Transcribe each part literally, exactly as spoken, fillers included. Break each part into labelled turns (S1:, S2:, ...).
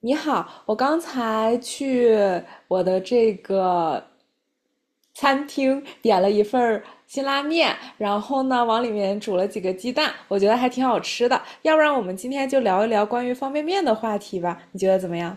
S1: 你好，我刚才去我的这个餐厅点了一份儿辛拉面，然后呢，往里面煮了几个鸡蛋，我觉得还挺好吃的。要不然我们今天就聊一聊关于方便面的话题吧，你觉得怎么样？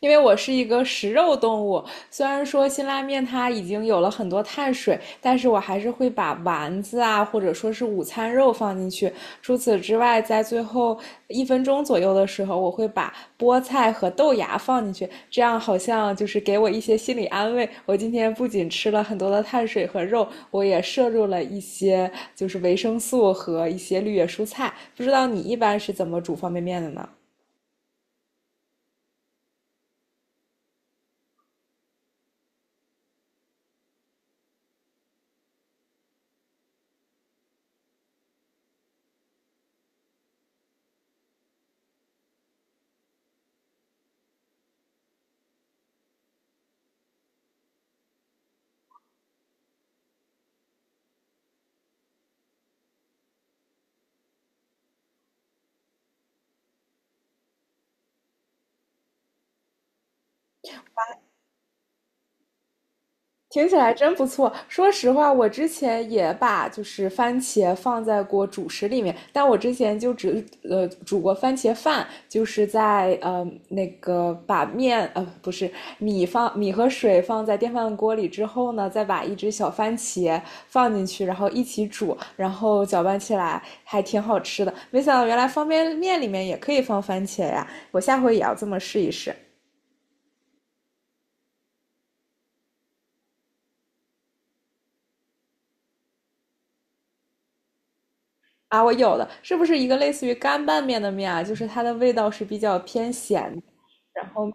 S1: 因为我是一个食肉动物，虽然说辛拉面它已经有了很多碳水，但是我还是会把丸子啊，或者说是午餐肉放进去。除此之外，在最后一分钟左右的时候，我会把菠菜和豆芽放进去，这样好像就是给我一些心理安慰。我今天不仅吃了很多的碳水和肉，我也摄入了一些就是维生素和一些绿叶蔬菜。不知道你一般是怎么煮方便面的呢？听起来真不错。说实话，我之前也把就是番茄放在过主食里面，但我之前就只呃煮过番茄饭，就是在呃那个把面呃不是米放米和水放在电饭锅里之后呢，再把一只小番茄放进去，然后一起煮，然后搅拌起来，还挺好吃的。没想到原来方便面里面也可以放番茄呀！我下回也要这么试一试。啊，我有的，是不是一个类似于干拌面的面啊？就是它的味道是比较偏咸的然后，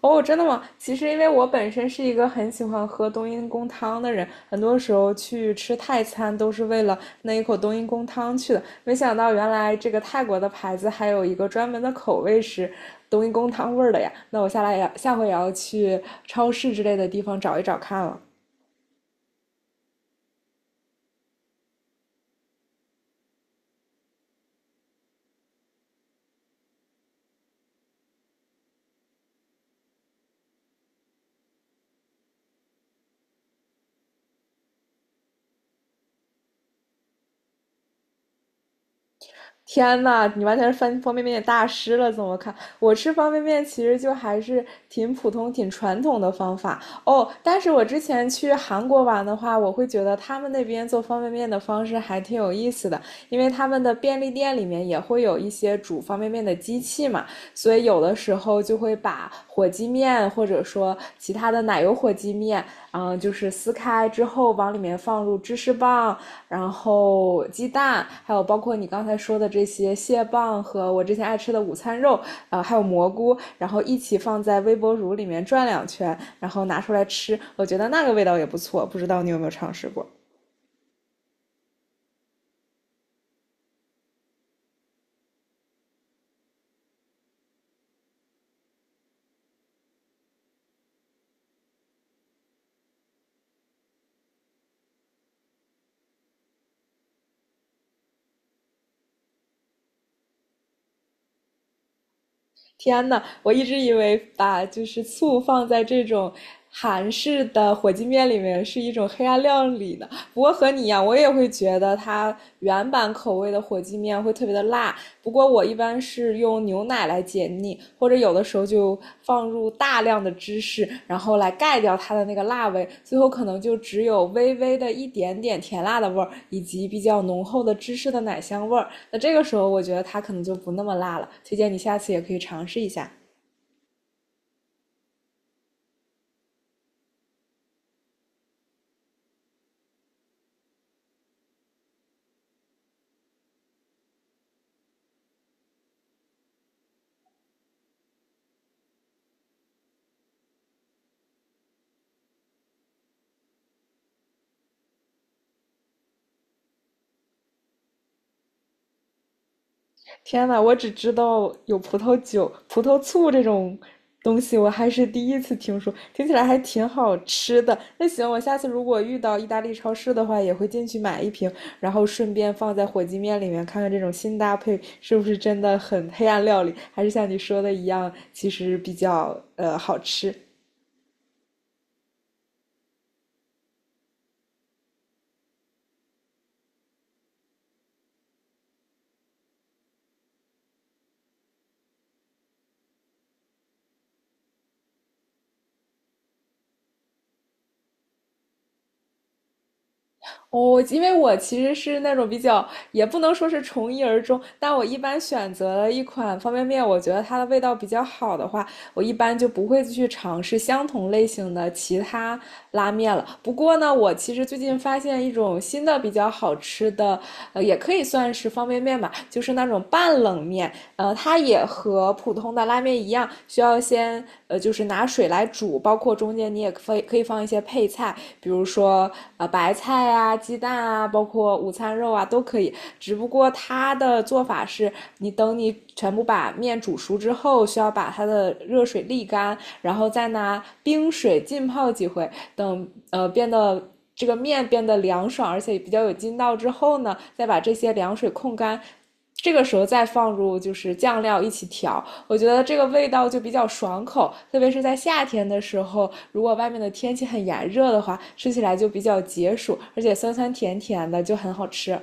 S1: 哦，真的吗？其实因为我本身是一个很喜欢喝冬阴功汤的人，很多时候去吃泰餐都是为了那一口冬阴功汤去的。没想到原来这个泰国的牌子还有一个专门的口味是冬阴功汤味儿的呀。那我下来也下回也要去超市之类的地方找一找看了。天呐，你完全是翻方便面大师了，怎么看？我吃方便面其实就还是挺普通、挺传统的方法哦。但是我之前去韩国玩的话，我会觉得他们那边做方便面的方式还挺有意思的，因为他们的便利店里面也会有一些煮方便面的机器嘛，所以有的时候就会把火鸡面或者说其他的奶油火鸡面，嗯，就是撕开之后往里面放入芝士棒，然后鸡蛋，还有包括你刚才说的这些蟹棒和我之前爱吃的午餐肉，呃，还有蘑菇，然后一起放在微波炉里面转两圈，然后拿出来吃，我觉得那个味道也不错，不知道你有没有尝试过？天呐，我一直以为把就是醋放在这种韩式的火鸡面里面是一种黑暗料理呢。不过和你一样，我也会觉得它原版口味的火鸡面会特别的辣。不过我一般是用牛奶来解腻，或者有的时候就放入大量的芝士，然后来盖掉它的那个辣味，最后可能就只有微微的一点点甜辣的味儿，以及比较浓厚的芝士的奶香味儿。那这个时候我觉得它可能就不那么辣了，推荐你下次也可以尝试一下。天呐，我只知道有葡萄酒、葡萄醋这种东西，我还是第一次听说，听起来还挺好吃的。那行，我下次如果遇到意大利超市的话，也会进去买一瓶，然后顺便放在火鸡面里面，看看这种新搭配是不是真的很黑暗料理，还是像你说的一样，其实比较呃好吃。哦，因为我其实是那种比较，也不能说是从一而终，但我一般选择了一款方便面，我觉得它的味道比较好的话，我一般就不会去尝试相同类型的其他拉面了。不过呢，我其实最近发现一种新的比较好吃的，呃，也可以算是方便面吧，就是那种半冷面，呃，它也和普通的拉面一样，需要先呃，就是拿水来煮，包括中间你也可以可以放一些配菜，比如说呃白菜啊、鸡蛋啊，包括午餐肉啊都可以。只不过它的做法是，你等你全部把面煮熟之后，需要把它的热水沥干，然后再拿冰水浸泡几回，等呃变得。这个面变得凉爽，而且比较有筋道之后呢，再把这些凉水控干，这个时候再放入就是酱料一起调，我觉得这个味道就比较爽口，特别是在夏天的时候，如果外面的天气很炎热的话，吃起来就比较解暑，而且酸酸甜甜的就很好吃。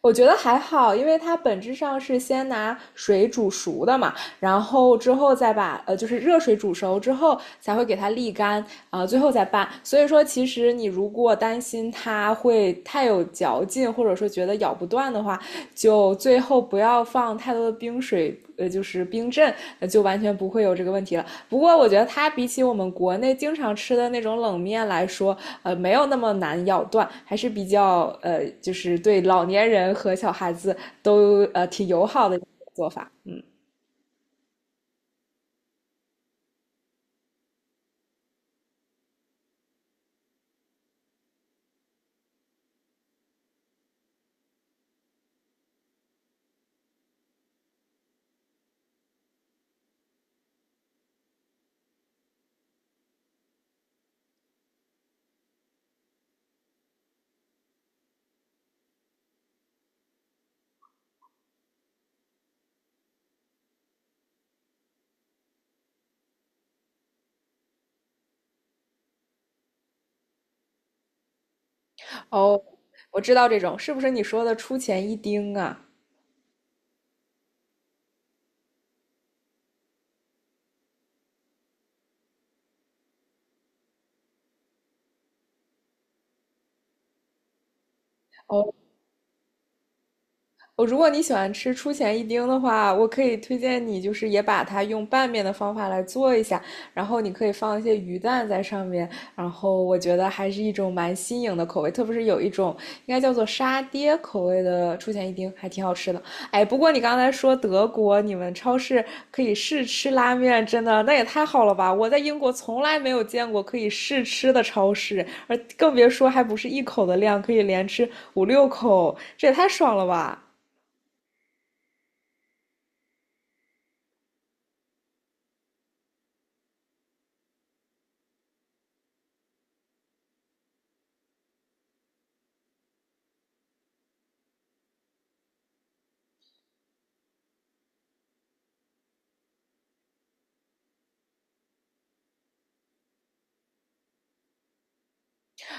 S1: 我觉得还好，因为它本质上是先拿水煮熟的嘛，然后之后再把呃就是热水煮熟之后才会给它沥干啊、呃最后再拌。所以说，其实你如果担心它会太有嚼劲，或者说觉得咬不断的话，就最后不要放太多的冰水，呃，就是冰镇，呃就完全不会有这个问题了。不过我觉得它比起我们国内经常吃的那种冷面来说，呃，没有那么难咬断，还是比较呃，就是对老年人和小孩子都呃挺友好的做法。嗯，哦，我知道这种是不是你说的出前一丁啊？哦。我如果你喜欢吃出前一丁的话，我可以推荐你，就是也把它用拌面的方法来做一下，然后你可以放一些鱼蛋在上面，然后我觉得还是一种蛮新颖的口味，特别是有一种应该叫做沙爹口味的出前一丁，还挺好吃的。哎，不过你刚才说德国你们超市可以试吃拉面，真的那也太好了吧！我在英国从来没有见过可以试吃的超市，而更别说还不是一口的量，可以连吃五六口，这也太爽了吧！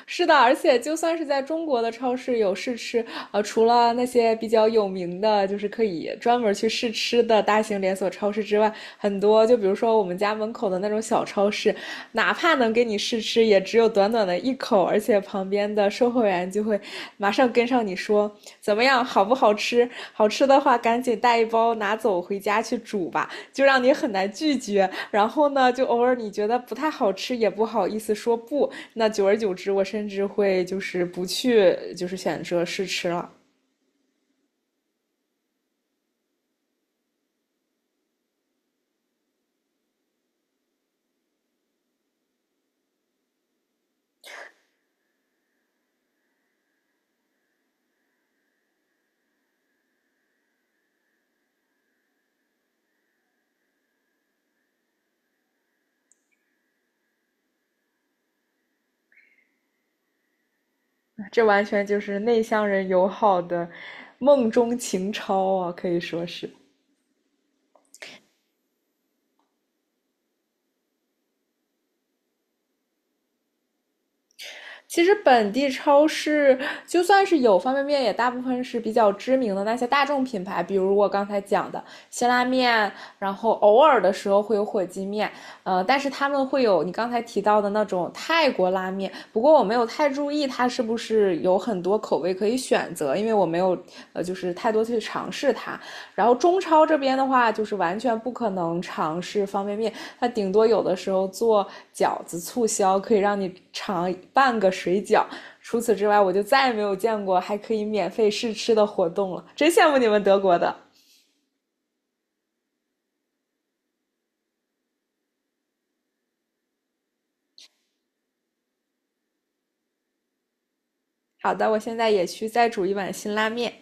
S1: 是的，而且就算是在中国的超市有试吃，呃，除了那些比较有名的，就是可以专门去试吃的大型连锁超市之外，很多就比如说我们家门口的那种小超市，哪怕能给你试吃，也只有短短的一口，而且旁边的售货员就。就会马上跟上你说怎么样，好不好吃？好吃的话，赶紧带一包拿走回家去煮吧，就让你很难拒绝。然后呢，就偶尔你觉得不太好吃，也不好意思说不。那久而久之，我甚至会就是不去，就是选择试吃了。这完全就是内向人友好的梦中情超啊，可以说是。其实本地超市就算是有方便面，也大部分是比较知名的那些大众品牌，比如我刚才讲的辛拉面，然后偶尔的时候会有火鸡面，呃，但是他们会有你刚才提到的那种泰国拉面，不过我没有太注意它是不是有很多口味可以选择，因为我没有呃就是太多去尝试它。然后中超这边的话，就是完全不可能尝试方便面，它顶多有的时候做饺子促销，可以让你尝半个水饺。除此之外，我就再也没有见过还可以免费试吃的活动了，真羡慕你们德国的。好的，我现在也去再煮一碗辛拉面。